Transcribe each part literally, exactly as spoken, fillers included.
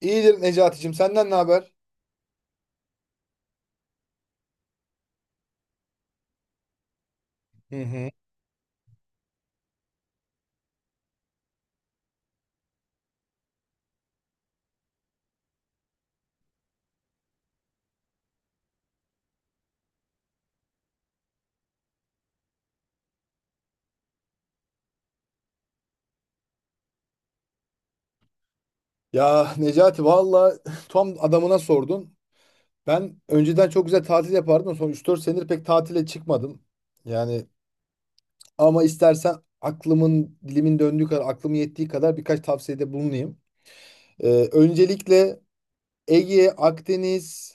İyidir Necati'cim. Senden ne haber? Hı hı. Ya Necati valla tam adamına sordun. Ben önceden çok güzel tatil yapardım. Son üç dört senedir pek tatile çıkmadım. Yani ama istersen aklımın dilimin döndüğü kadar, aklım yettiği kadar birkaç tavsiyede bulunayım. Ee, öncelikle Ege, Akdeniz.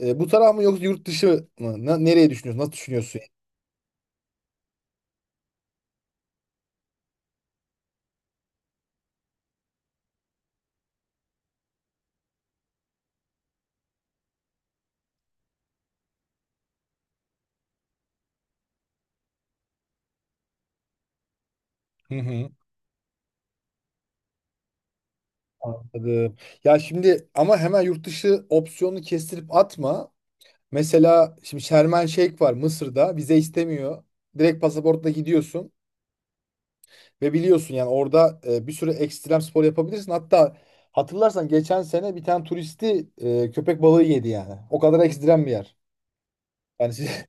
E, bu taraf mı yoksa yurt dışı mı? Na- nereye düşünüyorsun? Nasıl düşünüyorsun? Hı hı. Anladım. Ya şimdi ama hemen yurt dışı opsiyonunu kestirip atma. Mesela şimdi Şermen Şeyh var Mısır'da. Vize istemiyor. Direkt pasaportla gidiyorsun. Ve biliyorsun yani orada e, bir sürü ekstrem spor yapabilirsin. Hatta hatırlarsan geçen sene bir tane turisti e, köpek balığı yedi yani. O kadar ekstrem bir yer. Yani, siz-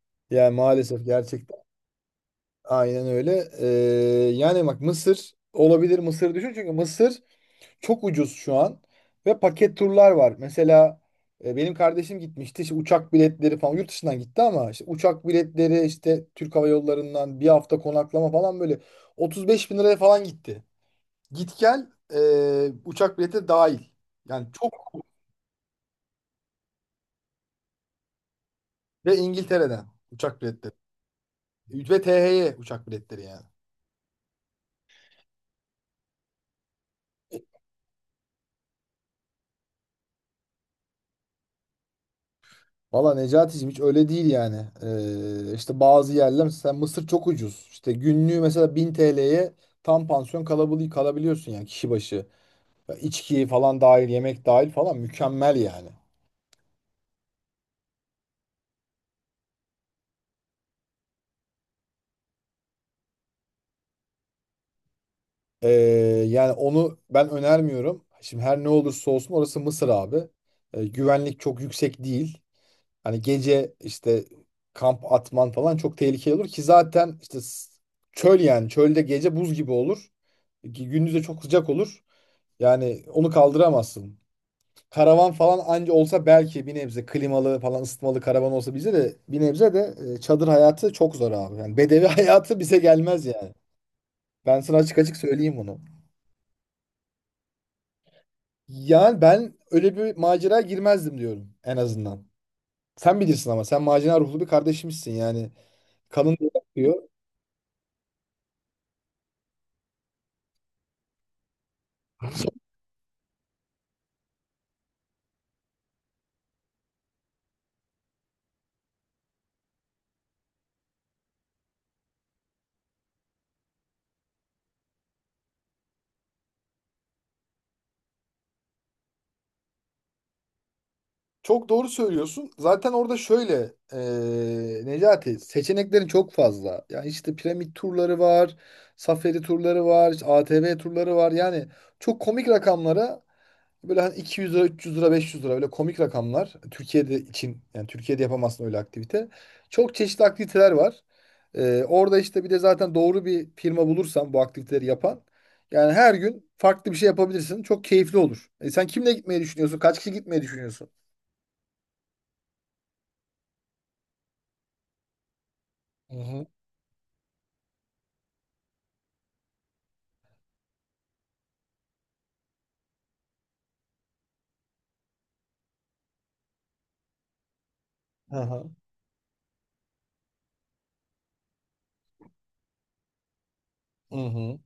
yani maalesef gerçekten aynen öyle. E, yani bak Mısır olabilir, Mısır düşün. Çünkü Mısır çok ucuz şu an. Ve paket turlar var. Mesela e, benim kardeşim gitmişti. İşte uçak biletleri falan yurt dışından gitti ama işte uçak biletleri işte Türk Hava Yolları'ndan bir hafta konaklama falan böyle otuz beş bin liraya falan gitti. Git gel e, uçak bileti dahil. Yani çok. Ve İngiltere'den uçak biletleri. Ve T H Y uçak biletleri yani. Valla Necati'cim hiç öyle değil yani. Ee, işte bazı yerler mesela Mısır çok ucuz. İşte günlüğü mesela bin T L'ye tam pansiyon kalabili kalabiliyorsun yani kişi başı. Ya İçki falan dahil, yemek dahil falan mükemmel yani. Ee, Yani onu ben önermiyorum. Şimdi her ne olursa olsun orası Mısır abi. Ee, güvenlik çok yüksek değil. Hani gece işte kamp atman falan çok tehlikeli olur ki zaten işte s- çöl, yani çölde gece buz gibi olur. Ki gündüz de çok sıcak olur. Yani onu kaldıramazsın. Karavan falan anca olsa belki bir nebze klimalı falan ısıtmalı karavan olsa bize de bir nebze de e, çadır hayatı çok zor abi. Yani bedevi hayatı bize gelmez yani. Ben sana açık açık söyleyeyim bunu. Yani ben öyle bir macera girmezdim diyorum en azından. Sen bilirsin ama sen macera ruhlu bir kardeşimsin yani. Kanın da akıyor. Çok doğru söylüyorsun. Zaten orada şöyle eee, Necati, seçeneklerin çok fazla. Yani işte piramit turları var, safari turları var, işte A T V turları var. Yani çok komik rakamlara, böyle hani iki yüz lira, üç yüz lira, beş yüz lira, öyle komik rakamlar. Türkiye'de için yani Türkiye'de yapamazsın öyle aktivite. Çok çeşitli aktiviteler var. Eee, orada işte bir de zaten doğru bir firma bulursan bu aktiviteleri yapan, yani her gün farklı bir şey yapabilirsin. Çok keyifli olur. E, sen kimle gitmeyi düşünüyorsun? Kaç kişi gitmeyi düşünüyorsun? Hı hı. Hı hı.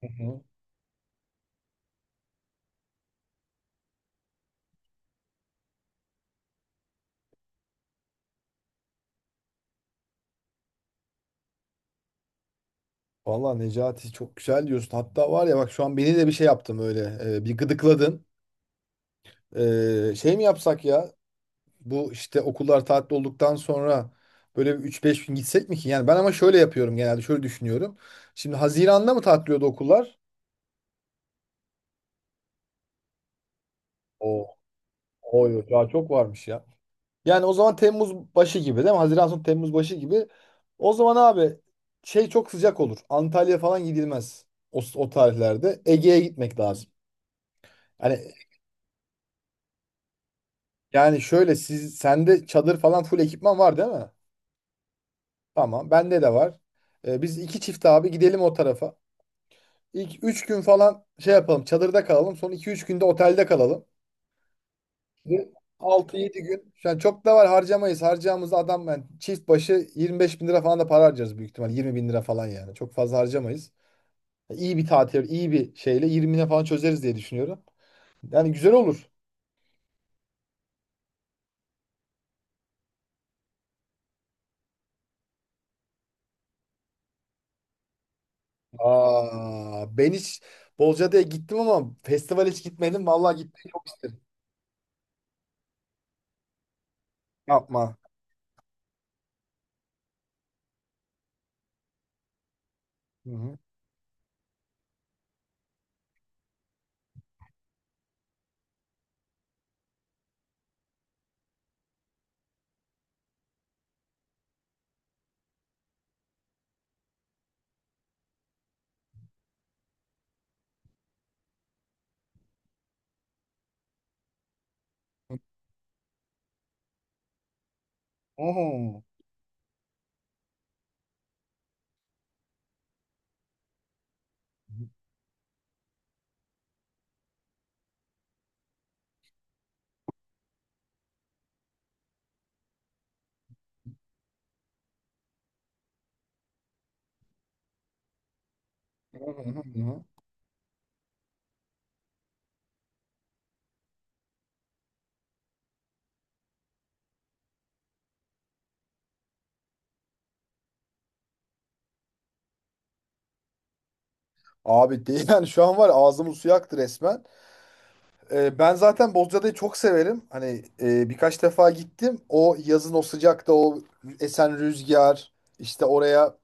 Hı hı. Valla Necati çok güzel diyorsun. Hatta var ya bak, şu an beni de bir şey yaptım öyle. Ee, bir gıdıkladın. Ee, şey mi yapsak ya? Bu işte okullar tatil olduktan sonra böyle bir üç beş gün gitsek mi ki? Yani ben ama şöyle yapıyorum genelde. Şöyle düşünüyorum. Şimdi Haziran'da mı tatiliyordu okullar? O, oy, daha çok varmış ya. Yani o zaman Temmuz başı gibi değil mi? Haziran sonu Temmuz başı gibi. O zaman abi, şey, çok sıcak olur. Antalya falan gidilmez. O, o tarihlerde. Ege'ye gitmek lazım. Hani yani şöyle, siz sende çadır falan full ekipman var değil mi? Tamam. Bende de var. Ee, biz iki çift abi gidelim o tarafa. ilk üç gün falan şey yapalım. Çadırda kalalım. Son iki üç günde otelde kalalım. Altı yedi gün. Yani çok da var harcamayız. Harcayacağımız adam, yani çift başı yirmi beş bin lira falan da para harcarız büyük ihtimal. yirmi bin lira falan yani. Çok fazla harcamayız. İyi bir tatil, iyi bir şeyle yirmisine falan çözeriz diye düşünüyorum. Yani güzel olur. Aa, ben hiç Bolca'da gittim ama festival hiç gitmedim. Vallahi gitmeyi çok isterim. Yapma. Hı hı. Oho. Hı hı hı. Abi değil, yani şu an var ya, ağzımın suyu aktı resmen. Ee, ben zaten Bozcaada'yı çok severim. Hani e, birkaç defa gittim. O yazın o sıcakta, o esen rüzgar, işte oraya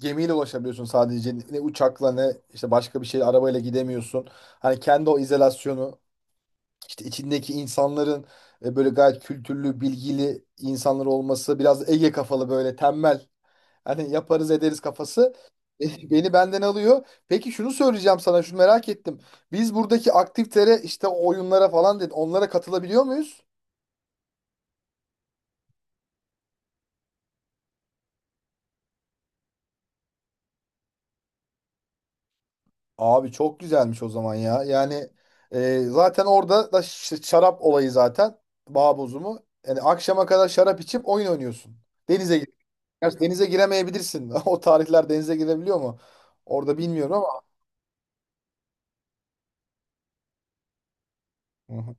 gemiyle ulaşabiliyorsun sadece. Ne uçakla ne işte başka bir şey, arabayla gidemiyorsun. Hani kendi o izolasyonu. İşte içindeki insanların e, böyle gayet kültürlü, bilgili insanlar olması, biraz Ege kafalı, böyle tembel. Hani yaparız ederiz kafası e, beni benden alıyor. Peki şunu söyleyeceğim sana, şunu merak ettim. Biz buradaki aktivitelere, işte o oyunlara falan dedi, onlara katılabiliyor muyuz? Abi çok güzelmiş o zaman ya. Yani e, zaten orada da ş- şarap olayı zaten. Bağ bozumu. Yani akşama kadar şarap içip oyun oynuyorsun. Denize Gerçi denize giremeyebilirsin. O tarihler denize girebiliyor mu? Orada bilmiyorum ama. Hı hı.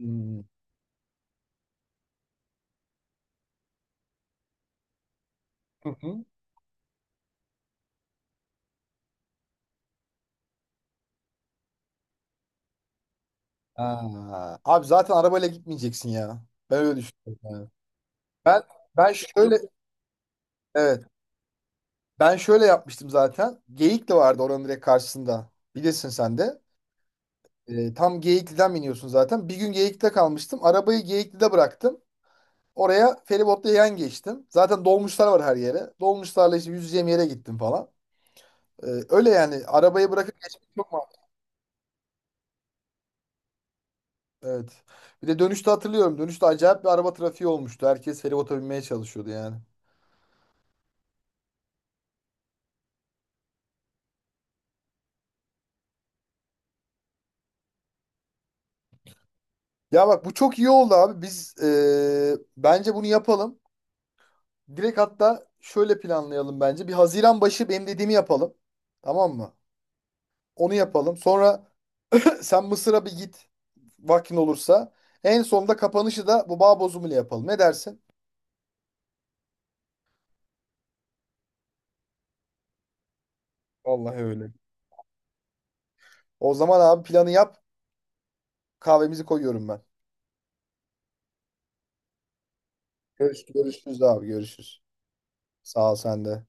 Hmm. Hı hı. Aa, abi zaten arabayla gitmeyeceksin ya. Ben öyle düşünüyorum yani. Ben ben şöyle, evet. Ben şöyle yapmıştım zaten. Geyikli vardı oranın direkt karşısında. Bilirsin sen de. Ee, tam Geyikli'den biniyorsun zaten. Bir gün Geyikli'de kalmıştım. Arabayı Geyikli'de bıraktım. Oraya feribotla yan geçtim. Zaten dolmuşlar var her yere. Dolmuşlarla işte yüzeceğim yere gittim falan. Ee, öyle yani, arabayı bırakıp geçmek çok. Evet. Bir de dönüşte hatırlıyorum. Dönüşte acayip bir araba trafiği olmuştu. Herkes feribota binmeye çalışıyordu yani. Ya bak bu çok iyi oldu abi. Biz eee, bence bunu yapalım. Direkt hatta şöyle planlayalım bence. Bir Haziran başı benim dediğimi yapalım. Tamam mı? Onu yapalım. Sonra sen Mısır'a bir git. Vaktin olursa. En sonunda kapanışı da bu bağ bozumu ile yapalım. Ne dersin? Vallahi öyle. O zaman abi planı yap. Kahvemizi koyuyorum ben. Görüşürüz. Görüşürüz abi. Görüşürüz. Sağ ol sen de.